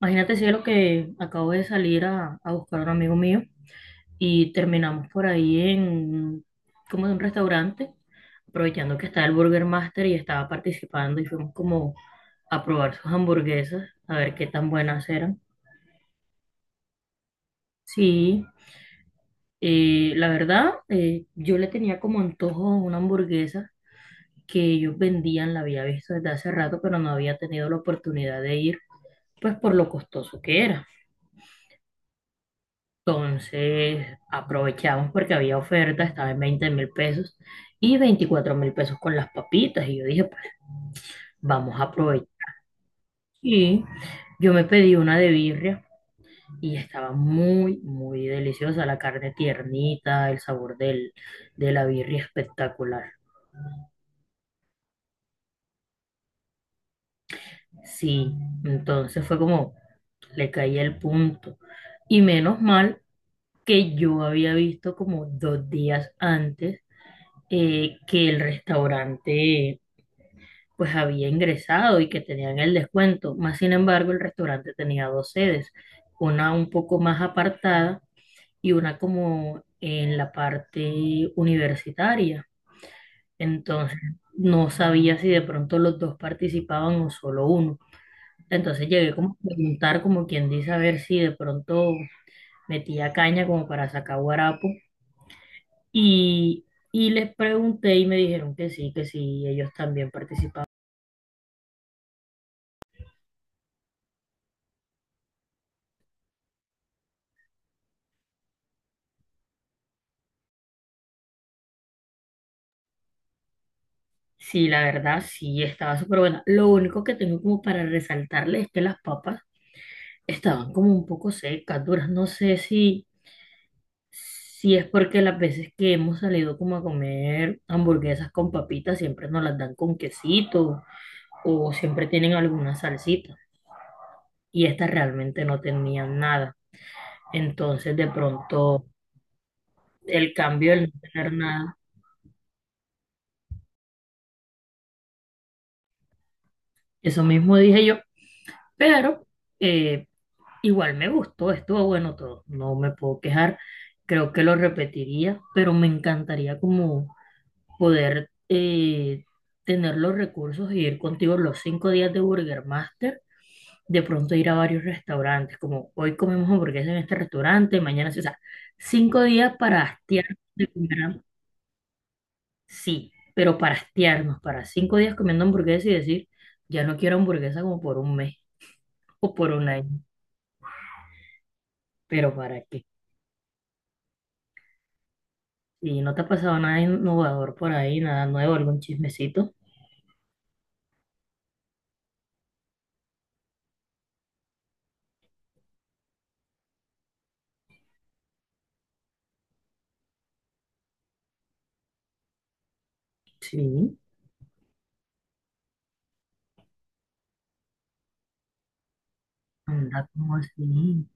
Imagínate, cielo, que acabo de salir a buscar a un amigo mío y terminamos por ahí en como en un restaurante, aprovechando que estaba el Burger Master y estaba participando y fuimos como a probar sus hamburguesas, a ver qué tan buenas eran. Sí, la verdad, yo le tenía como antojo a una hamburguesa que ellos vendían, la había visto desde hace rato, pero no había tenido la oportunidad de ir, pues por lo costoso que era. Entonces aprovechamos porque había oferta, estaba en 20.000 pesos y 24.000 pesos con las papitas. Y yo dije, pues vamos a aprovechar. Y yo me pedí una de birria y estaba muy, muy deliciosa. La carne tiernita, el sabor de la birria espectacular. Sí, entonces fue como le caí el punto. Y menos mal que yo había visto como 2 días antes que el restaurante pues había ingresado y que tenían el descuento. Más sin embargo, el restaurante tenía dos sedes, una un poco más apartada y una como en la parte universitaria. Entonces, no sabía si de pronto los dos participaban o solo uno. Entonces llegué como a preguntar, como quien dice, a ver si de pronto metía caña como para sacar guarapo. Y, y les pregunté y me dijeron que sí, ellos también participaban. Sí, la verdad, sí, estaba súper buena. Lo único que tengo como para resaltarle es que las papas estaban como un poco secas, duras. No sé si es porque las veces que hemos salido como a comer hamburguesas con papitas siempre nos las dan con quesito o siempre tienen alguna salsita. Y estas realmente no tenían nada. Entonces, de pronto, el cambio del no tener nada, eso mismo dije yo. Pero, eh, igual me gustó, estuvo bueno todo, no me puedo quejar, creo que lo repetiría, pero me encantaría como poder tener los recursos y ir contigo los 5 días de Burger Master, de pronto ir a varios restaurantes, como hoy comemos hamburguesas en este restaurante, mañana, sí, o sea, 5 días para hastiarnos de comer, sí, pero para hastiarnos, para 5 días comiendo hamburguesas y decir, ya no quiero hamburguesa como por un mes o por un año, pero ¿para qué? ¿Y no te ha pasado nada innovador por ahí, nada nuevo, algún chismecito? Sí, anda como así,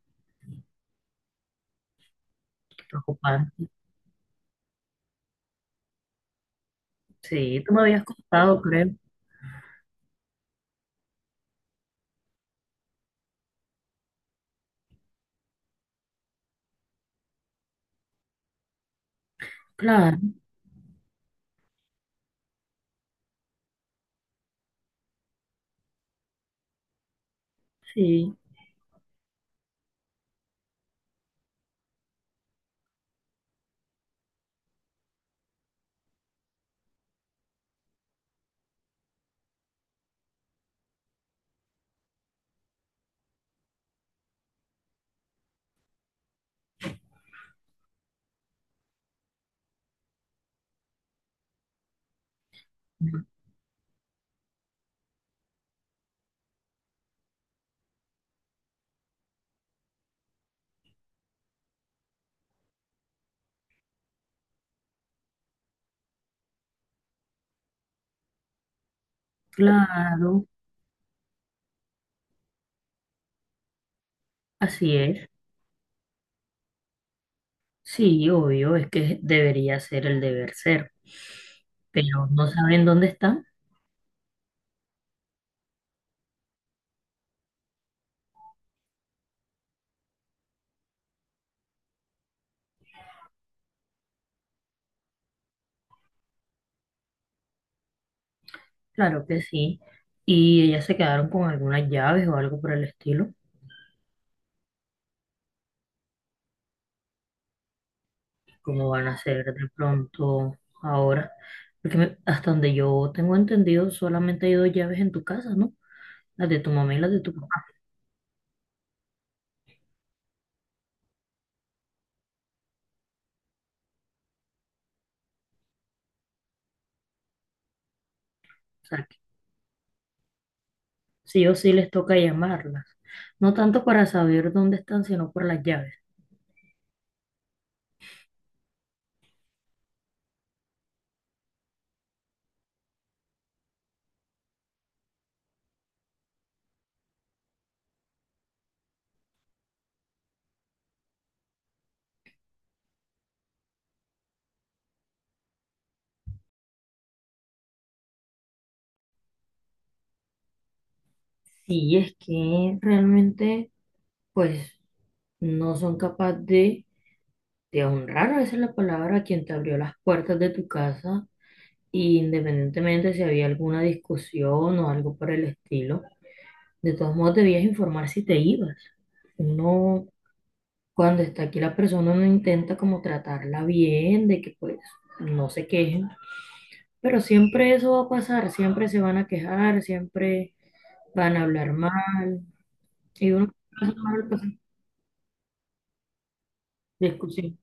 qué preocupante. Sí, tú me habías contado, creo. Claro, sí, claro, así es. Sí, obvio, es que debería ser el deber ser, pero no saben dónde están, claro que sí. Y ellas se quedaron con algunas llaves o algo por el estilo. Como van a ser de pronto ahora. Hasta donde yo tengo entendido, solamente hay dos llaves en tu casa, ¿no? Las de tu mamá y las de tu papá. O sea, que sí o sí les toca llamarlas. No tanto para saber dónde están, sino por las llaves. Sí es que realmente, pues, no son capaces de honrar, esa es la palabra, a quien te abrió las puertas de tu casa, y independientemente si había alguna discusión o algo por el estilo. De todos modos, debías informar si te ibas. Uno, cuando está aquí la persona, uno intenta como tratarla bien, de que pues no se quejen, pero siempre eso va a pasar, siempre se van a quejar, siempre van a hablar mal, y uno pasa mal pues, discusión.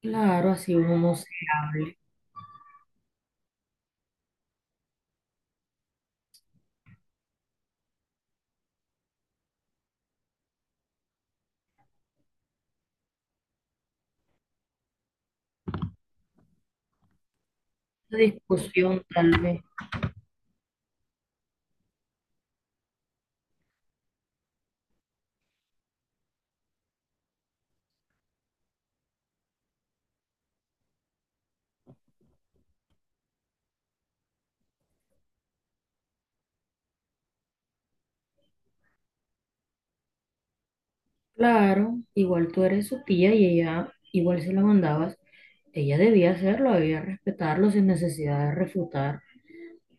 Claro, así uno no se hable. La discusión tal vez. Claro, igual tú eres su tía y ella, igual si la mandabas, ella debía hacerlo, debía respetarlo sin necesidad de refutar.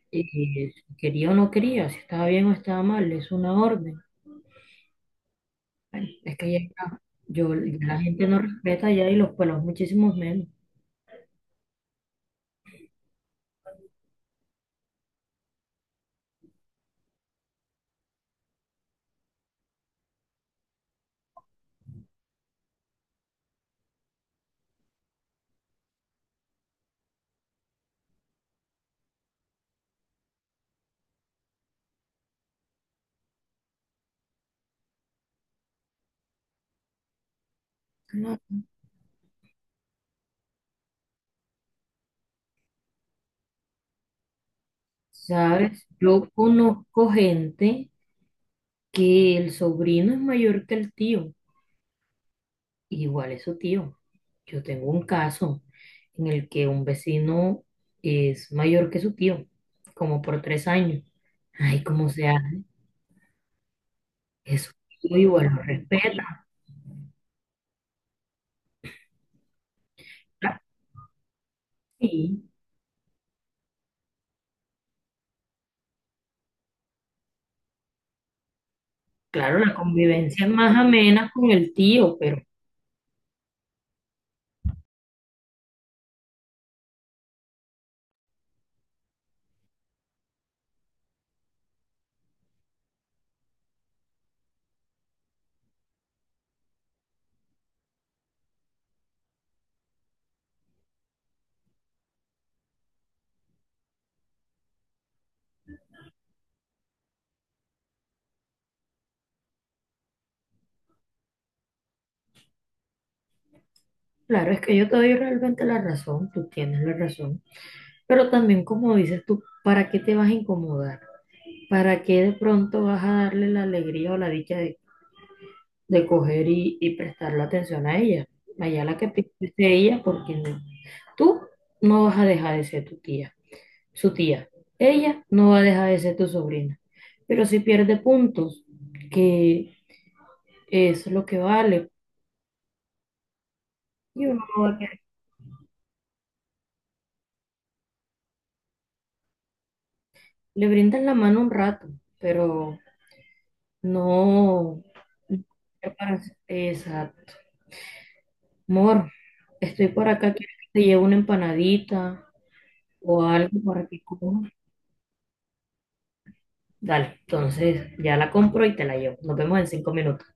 Y si quería o no quería, si estaba bien o estaba mal, es una orden. Bueno, es que ya está. Yo, la gente no respeta ya y los pueblos muchísimos menos. Claro. ¿Sabes? Yo conozco gente que el sobrino es mayor que el tío. Igual es su tío. Yo tengo un caso en el que un vecino es mayor que su tío, como por 3 años. Ay, como se hace? Eso igual lo respeta. Ah, sí. Claro, la convivencia es más amena con el tío, pero claro, es que yo te doy realmente la razón, tú tienes la razón, pero también como dices tú, ¿para qué te vas a incomodar? ¿Para qué de pronto vas a darle la alegría o la dicha de coger y prestarle atención a ella? Allá la que piense es ella, porque no- tú no vas a dejar de ser tu tía, su tía, ella no va a dejar de ser tu sobrina, pero si pierde puntos, que es lo que vale, y uno no va a quedar. Le brindan la mano un rato, pero no. no para- Exacto. Amor, estoy por acá, ¿quieres que te lleve una empanadita o algo para que comas? Dale, entonces ya la compro y te la llevo. Nos vemos en 5 minutos.